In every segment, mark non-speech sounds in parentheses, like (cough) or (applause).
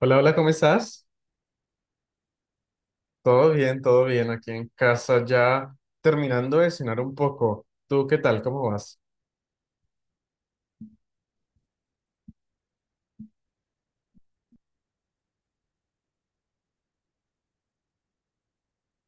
Hola, hola, ¿cómo estás? Todo bien, aquí en casa ya terminando de cenar un poco. ¿Tú qué tal? ¿Cómo vas?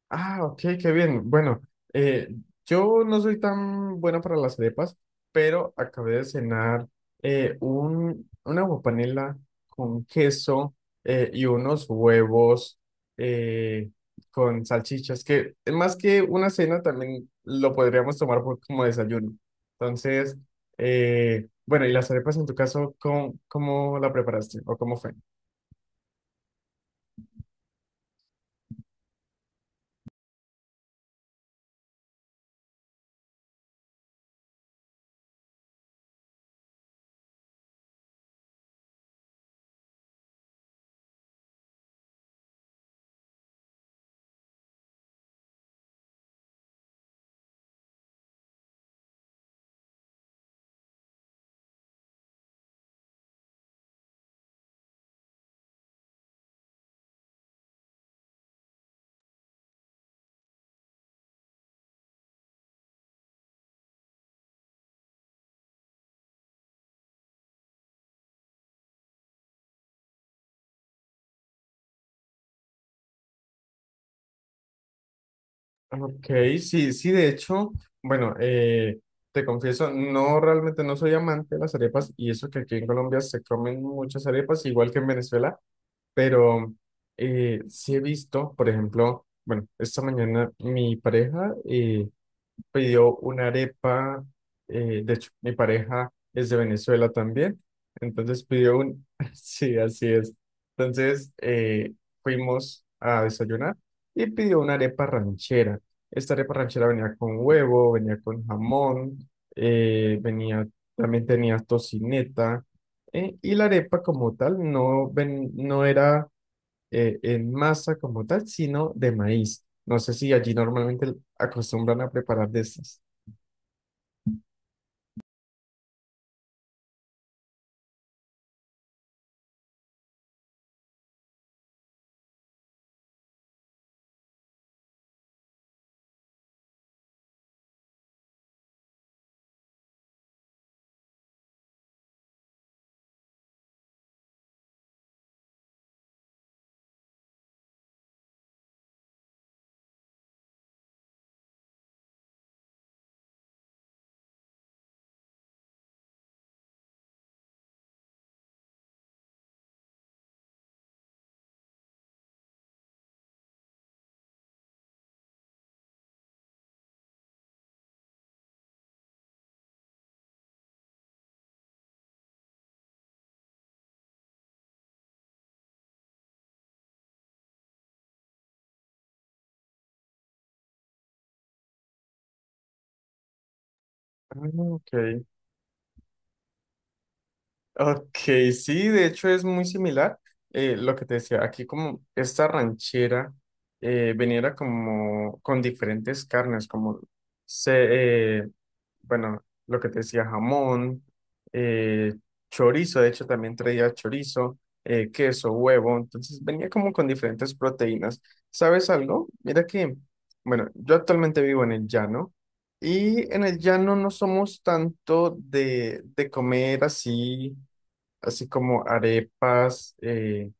Ah, ok, qué bien. Bueno, eh, yo no soy tan bueno para las arepas, pero acabé de cenar una aguapanela con queso y unos huevos eh, con salchichas, que más que una cena también lo podríamos tomar como desayuno. Entonces, bueno, ¿y las arepas en tu caso, cómo la preparaste o cómo fue? Ok, sí, de hecho, bueno, te confieso, no realmente no soy amante de las arepas y eso que aquí en Colombia se comen muchas arepas, igual que en Venezuela, pero sí he visto, por ejemplo, bueno, esta mañana mi pareja pidió una arepa, de hecho, mi pareja es de Venezuela también, entonces pidió un, (laughs) sí, así es. Entonces fuimos a desayunar y pidió una arepa ranchera. Esta arepa ranchera venía con huevo, venía con jamón, eh, venía, también tenía tocineta, y la arepa como tal no era en masa como tal, sino de maíz. No sé si allí normalmente acostumbran a preparar de estas. Ah, ok. Ok, sí, de hecho es muy similar lo que te decía. Aquí como esta ranchera venía como con diferentes carnes, se, eh, bueno, lo que te decía, jamón, eh, chorizo, de hecho también traía chorizo, queso, huevo, entonces venía como con diferentes proteínas. ¿Sabes algo? Mira que, bueno, yo actualmente vivo en el llano. Y en el llano no somos tanto de comer así así como arepas,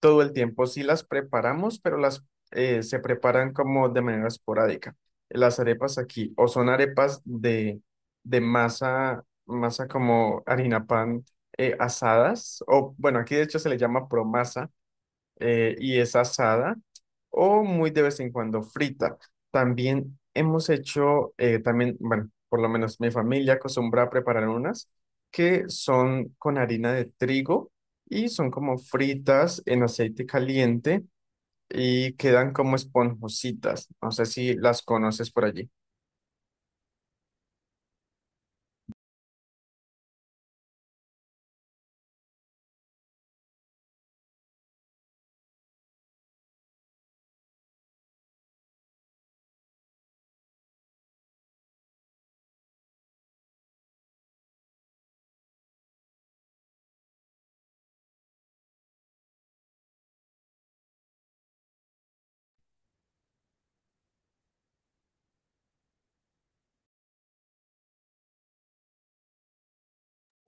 todo el tiempo sí las preparamos, pero las se preparan como de manera esporádica. Las arepas aquí o son arepas de masa, masa como harina pan asadas, o bueno, aquí de hecho se le llama promasa, y es asada o muy de vez en cuando frita. También hemos hecho, también, bueno, por lo menos mi familia acostumbra a preparar unas que son con harina de trigo y son como fritas en aceite caliente y quedan como esponjositas. No sé si las conoces por allí.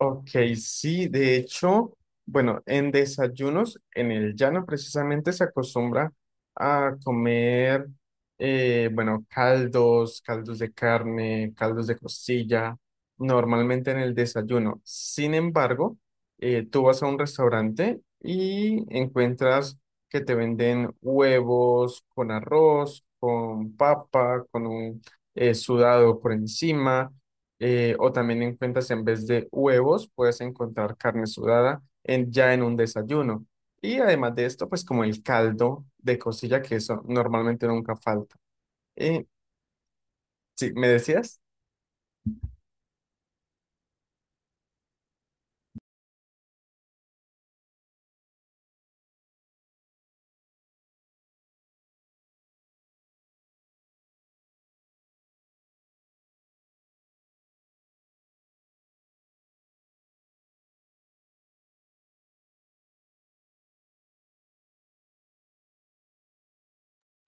Ok, sí, de hecho, bueno, en desayunos, en el llano precisamente se acostumbra a comer, bueno, caldos, caldos de carne, caldos de costilla, normalmente en el desayuno. Sin embargo, tú vas a un restaurante y encuentras que te venden huevos con arroz, con papa, con un sudado por encima o también encuentras en vez de huevos, puedes encontrar carne sudada ya en un desayuno. Y además de esto, pues como el caldo de costilla, que eso normalmente nunca falta. Eh, sí, ¿me decías?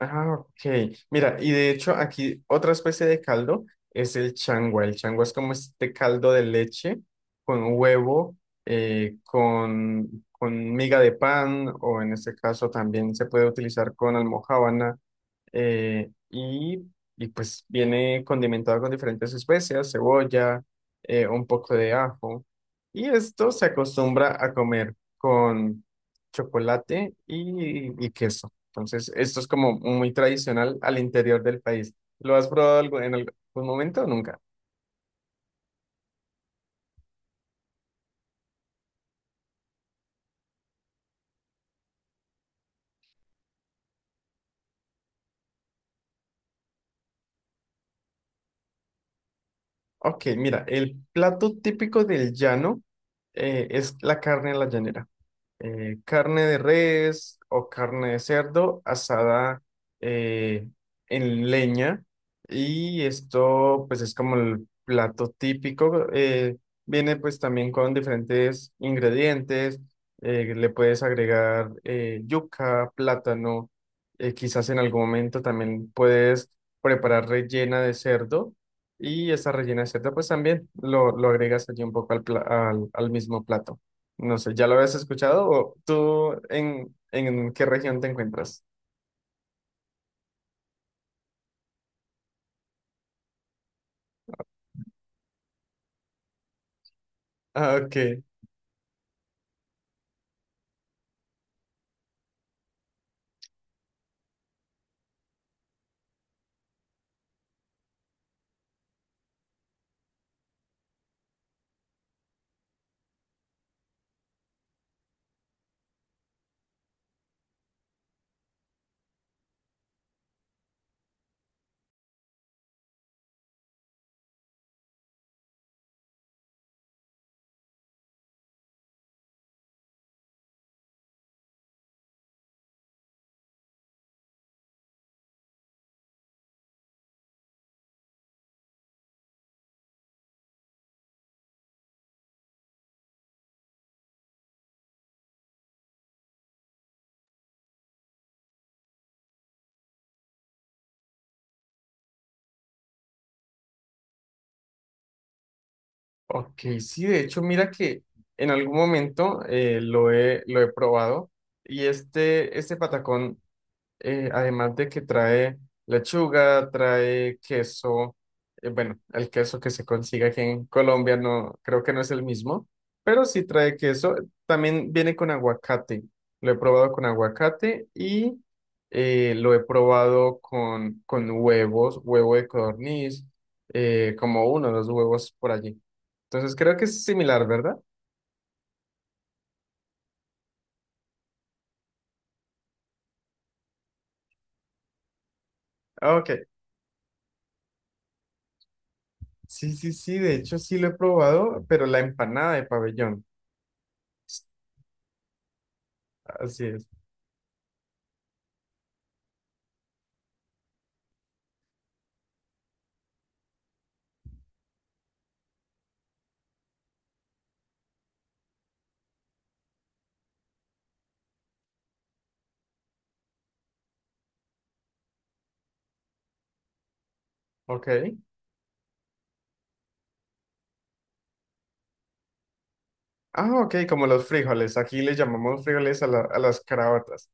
Ah, ok. Mira, y de hecho aquí otra especie de caldo es el changua. El changua es como este caldo de leche con huevo, con miga de pan, o en este caso también se puede utilizar con almojábana eh, y, y pues viene condimentado con diferentes especias, cebolla, un poco de ajo. Y esto se acostumbra a comer con chocolate y queso. Entonces, esto es como muy tradicional al interior del país. ¿Lo has probado en algún momento o nunca? Ok, mira, el plato típico del llano es la carne a la llanera. Carne de res o carne de cerdo asada eh, en leña. Y esto pues es como el plato típico. Viene pues también con diferentes ingredientes. Le puedes agregar yuca, plátano. Quizás en algún momento también puedes preparar rellena de cerdo. Y esa rellena de cerdo pues también lo agregas allí un poco al al mismo plato. No sé, ¿ya lo habías escuchado? ¿O tú en qué región te encuentras? Ah, ok. Ok, sí, de hecho, mira que en algún momento lo he probado y este patacón además de que trae lechuga, trae queso, bueno, el queso que se consigue aquí en Colombia no, creo que no es el mismo, pero sí trae queso. También viene con aguacate. Lo he probado con aguacate y lo he probado con huevos, huevo de codorniz, como uno o dos huevos por allí. Entonces creo que es similar, ¿verdad? Ah, ok, sí, de hecho sí lo he probado, pero la empanada de pabellón. Así es. Ok. Ah, ok, como los frijoles. Aquí le llamamos frijoles a las caraotas.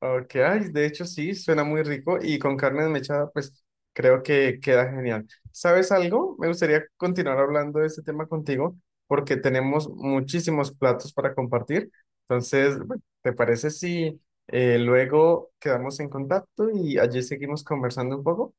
Ok, ay, de hecho sí, suena muy rico y con carne mechada, pues creo que queda genial. ¿Sabes algo? Me gustaría continuar hablando de este tema contigo porque tenemos muchísimos platos para compartir. Entonces, bueno, ¿te parece si luego quedamos en contacto y allí seguimos conversando un poco?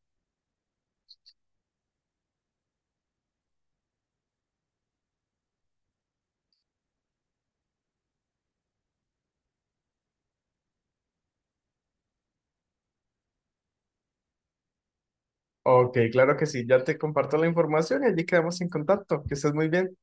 Ok, claro que sí, ya te comparto la información y allí quedamos en contacto. Que estés muy bien.